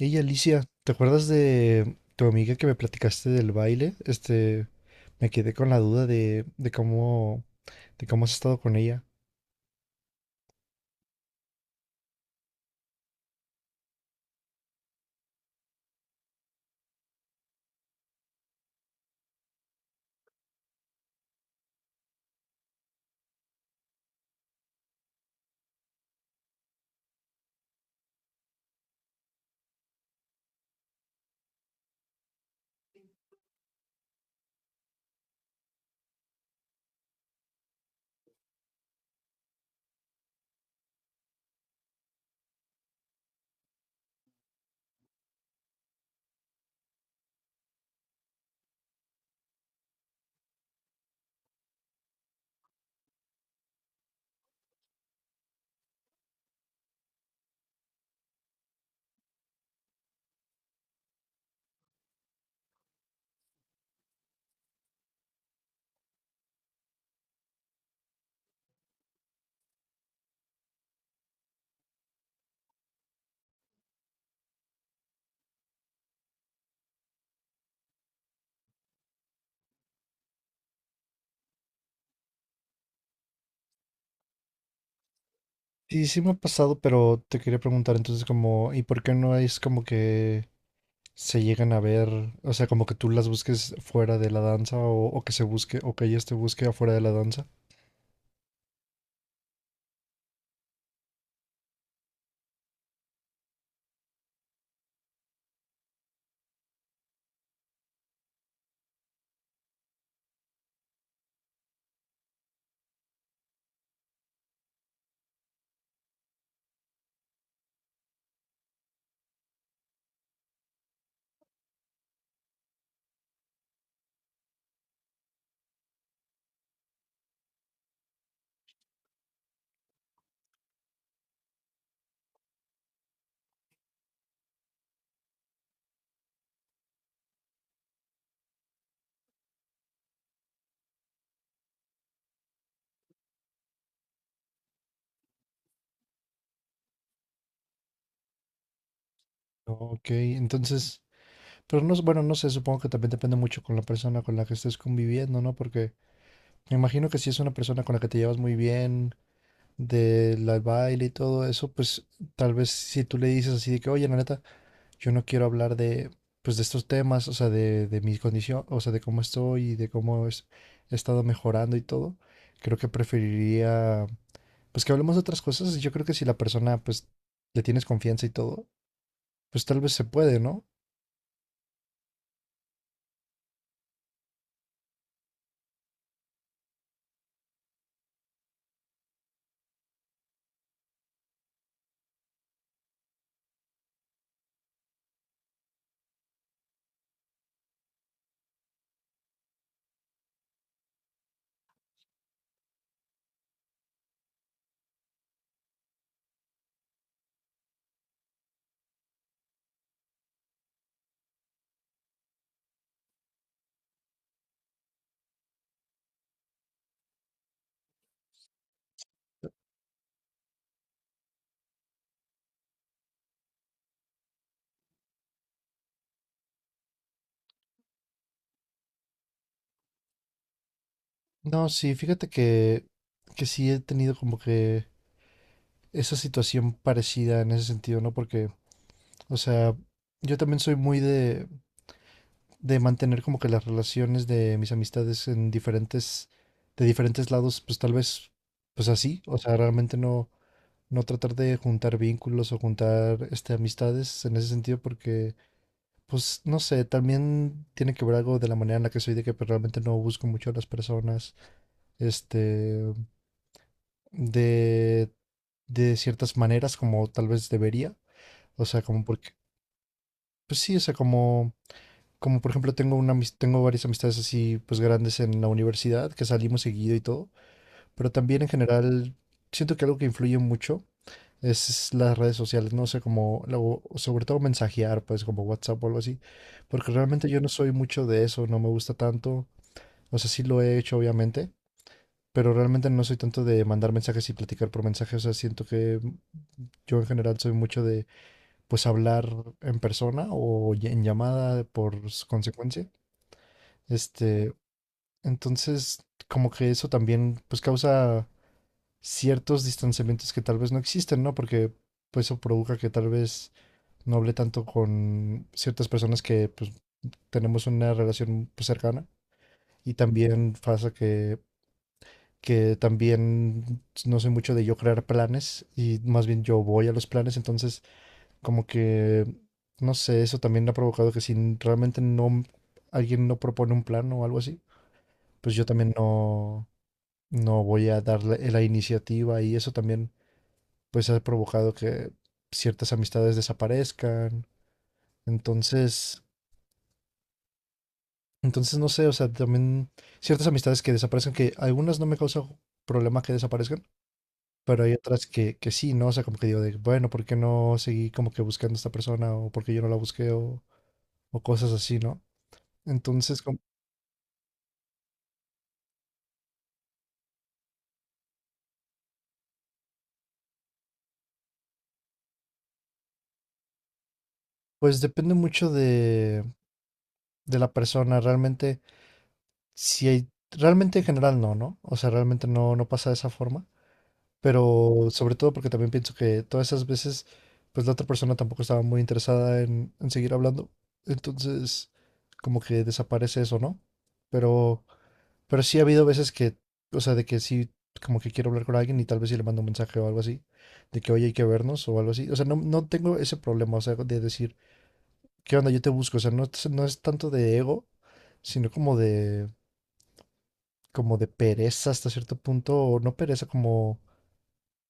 Ey, Alicia, ¿te acuerdas de tu amiga que me platicaste del baile? Este, me quedé con la duda de cómo, de cómo has estado con ella. Sí, sí me ha pasado, pero te quería preguntar entonces como, ¿y por qué no es como que se llegan a ver, o sea, como que tú las busques fuera de la danza o que se busque, o que ellas te busque afuera de la danza? Ok, entonces, pero no, bueno, no sé, supongo que también depende mucho con la persona con la que estés conviviendo, ¿no? Porque me imagino que si es una persona con la que te llevas muy bien, del al baile y todo eso, pues tal vez si tú le dices así de que, oye, la neta, yo no quiero hablar de, pues, de estos temas, o sea, de mi condición, o sea, de cómo estoy y de cómo he estado mejorando y todo, creo que preferiría, pues, que hablemos de otras cosas. Yo creo que si la persona, pues, le tienes confianza y todo, pues tal vez se puede, ¿no? No, sí, fíjate que sí he tenido como que esa situación parecida en ese sentido, ¿no? Porque, o sea, yo también soy muy de mantener como que las relaciones de mis amistades en diferentes, de diferentes lados, pues tal vez, pues así, o sea, realmente no, no tratar de juntar vínculos o juntar, este, amistades en ese sentido, porque, pues, no sé, también tiene que ver algo de la manera en la que soy, de que pues, realmente no busco mucho a las personas, este, de, de ciertas maneras como tal vez debería, o sea, como porque, pues sí, o sea, como por ejemplo tengo una tengo varias amistades así pues grandes en la universidad que salimos seguido y todo, pero también en general siento que algo que influye mucho es las redes sociales, no sé, como luego, sobre todo mensajear, pues como WhatsApp o algo así, porque realmente yo no soy mucho de eso, no me gusta tanto, o sea, sí lo he hecho obviamente, pero realmente no soy tanto de mandar mensajes y platicar por mensaje, o sea, siento que yo en general soy mucho de pues hablar en persona o en llamada por consecuencia. Este, entonces, como que eso también pues causa ciertos distanciamientos que tal vez no existen, ¿no? Porque pues eso provoca que tal vez no hable tanto con ciertas personas que pues tenemos una relación pues, cercana y también pasa que también no soy mucho de yo crear planes y más bien yo voy a los planes, entonces como que no sé, eso también ha provocado que si realmente no alguien no propone un plan o algo así, pues yo también no voy a darle la iniciativa y eso también pues ha provocado que ciertas amistades desaparezcan. Entonces, entonces no sé, o sea, también ciertas amistades que desaparezcan, que algunas no me causan problema que desaparezcan, pero hay otras que sí, ¿no? O sea, como que digo de, bueno, ¿por qué no seguí como que buscando a esta persona o porque yo no la busqué o cosas así, ¿no? Entonces, pues depende mucho de la persona, realmente, si hay, realmente en general no, ¿no? O sea, realmente no, no pasa de esa forma pero sobre todo porque también pienso que todas esas veces, pues la otra persona tampoco estaba muy interesada en seguir hablando, entonces como que desaparece eso, ¿no? Pero, pero sí ha habido veces que, o sea, de que sí, como que quiero hablar con alguien y tal vez sí le mando un mensaje o algo así, de que, oye, hay que vernos o algo así, o sea, no, no tengo ese problema, o sea, de decir, ¿qué onda? Yo te busco, o sea, no, no es tanto de ego, sino como de pereza hasta cierto punto, o no pereza, como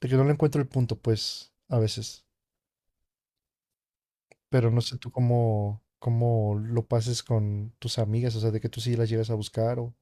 de que yo no le encuentro el punto, pues, a veces. Pero no sé tú cómo, cómo lo pases con tus amigas, o sea, de que tú sí las llegas a buscar o...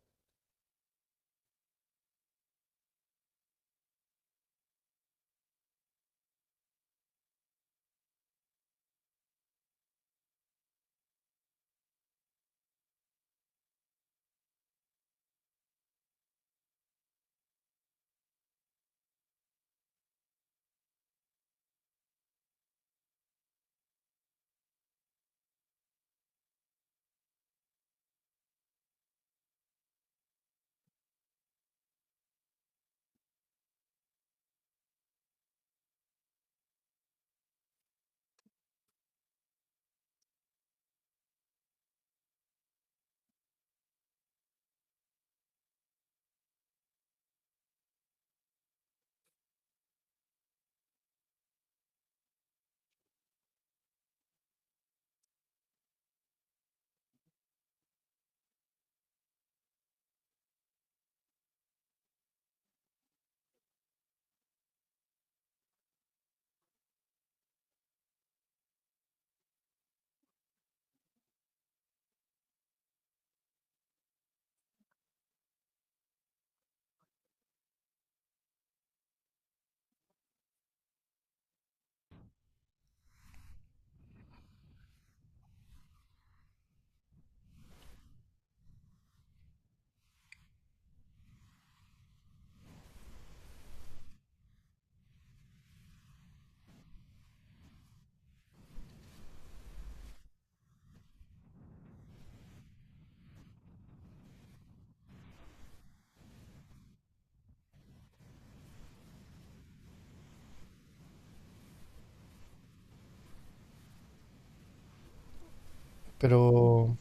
Pero,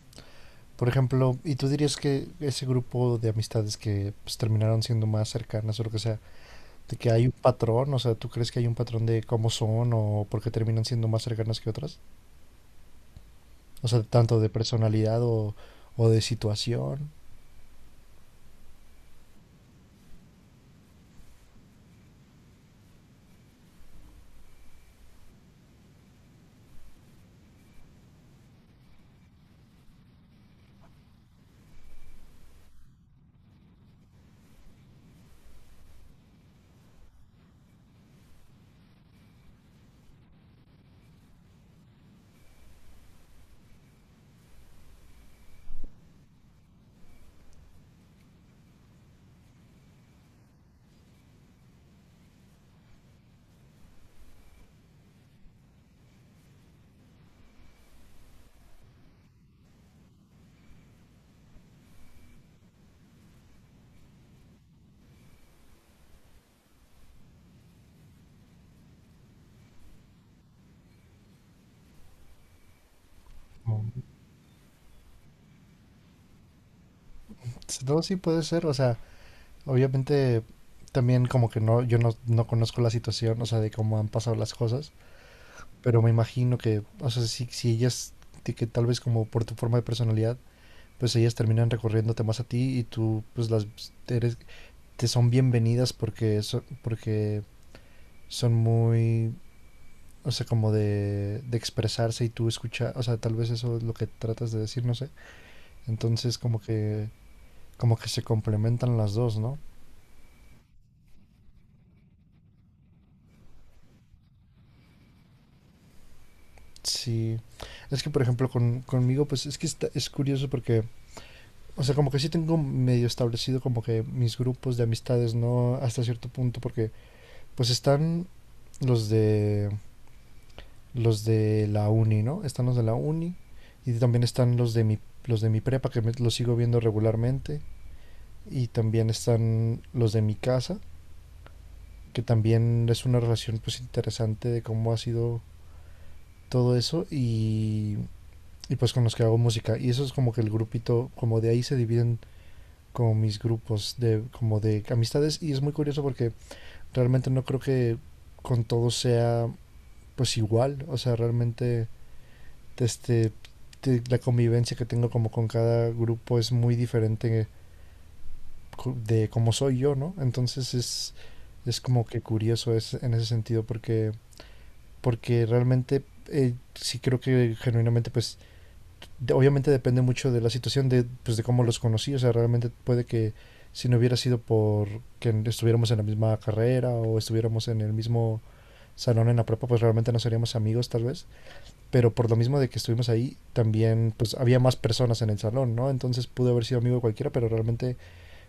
por ejemplo, ¿y tú dirías que ese grupo de amistades que pues, terminaron siendo más cercanas o lo que sea, de que hay un patrón? O sea, ¿tú crees que hay un patrón de cómo son o por qué terminan siendo más cercanas que otras? O sea, tanto de personalidad o de situación. o- No, sí puede ser, o sea, obviamente también como que no, yo no, no conozco la situación, o sea, de cómo han pasado las cosas, pero me imagino que, o sea, si ellas, de que tal vez como por tu forma de personalidad, pues ellas terminan recorriéndote más a ti y tú, pues las, eres, te son bienvenidas porque, porque son muy, o sea, como de expresarse y tú escuchas, o sea, tal vez eso es lo que tratas de decir, no sé. Entonces como que se complementan las dos, ¿no? Sí. Es que, por ejemplo, con, conmigo, pues es que es curioso porque, o sea, como que sí tengo medio establecido como que mis grupos de amistades, ¿no? Hasta cierto punto, porque pues están los de los de la uni, ¿no? Están los de la uni y también están los de mi prepa que los sigo viendo regularmente y también están los de mi casa, que también es una relación pues interesante de cómo ha sido todo eso y pues con los que hago música. Y eso es como que el grupito, como de ahí se dividen como mis grupos de, como de amistades. Y es muy curioso porque realmente no creo que con todos sea pues igual. O sea, realmente este, la convivencia que tengo como con cada grupo es muy diferente de cómo soy yo, ¿no? Entonces es como que curioso es, en ese sentido porque, porque realmente... sí creo que genuinamente pues obviamente depende mucho de la situación, de, pues, de cómo los conocí. O sea, realmente puede que si no hubiera sido por que estuviéramos en la misma carrera o estuviéramos en el mismo salón en la prepa, pues realmente no seríamos amigos tal vez. Pero por lo mismo de que estuvimos ahí, también pues había más personas en el salón, ¿no? Entonces pude haber sido amigo de cualquiera, pero realmente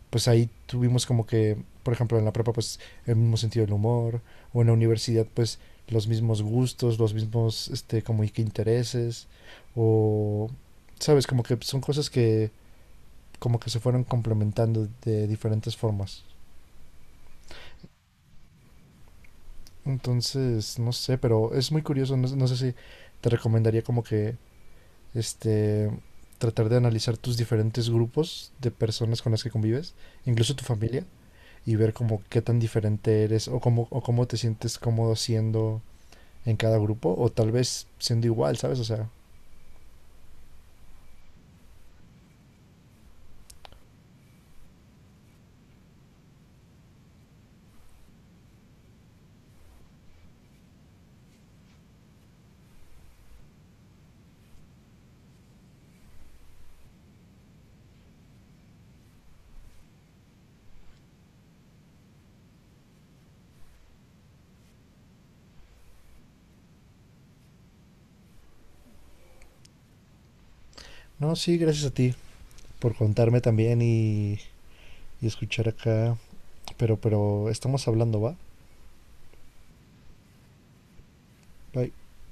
pues ahí tuvimos como que, por ejemplo, en la prepa, pues el mismo sentido del humor, o en la universidad, pues los mismos gustos, los mismos, este, como y que intereses, o, sabes, como que son cosas que como que se fueron complementando de diferentes formas. Entonces, no sé, pero es muy curioso, no, no sé si te recomendaría como que, este, tratar de analizar tus diferentes grupos de personas con las que convives, incluso tu familia, y ver como qué tan diferente eres o cómo te sientes cómodo siendo en cada grupo o tal vez siendo igual, ¿sabes? O sea, no, sí, gracias a ti por contarme también y escuchar acá, pero estamos hablando, ¿va? Bye.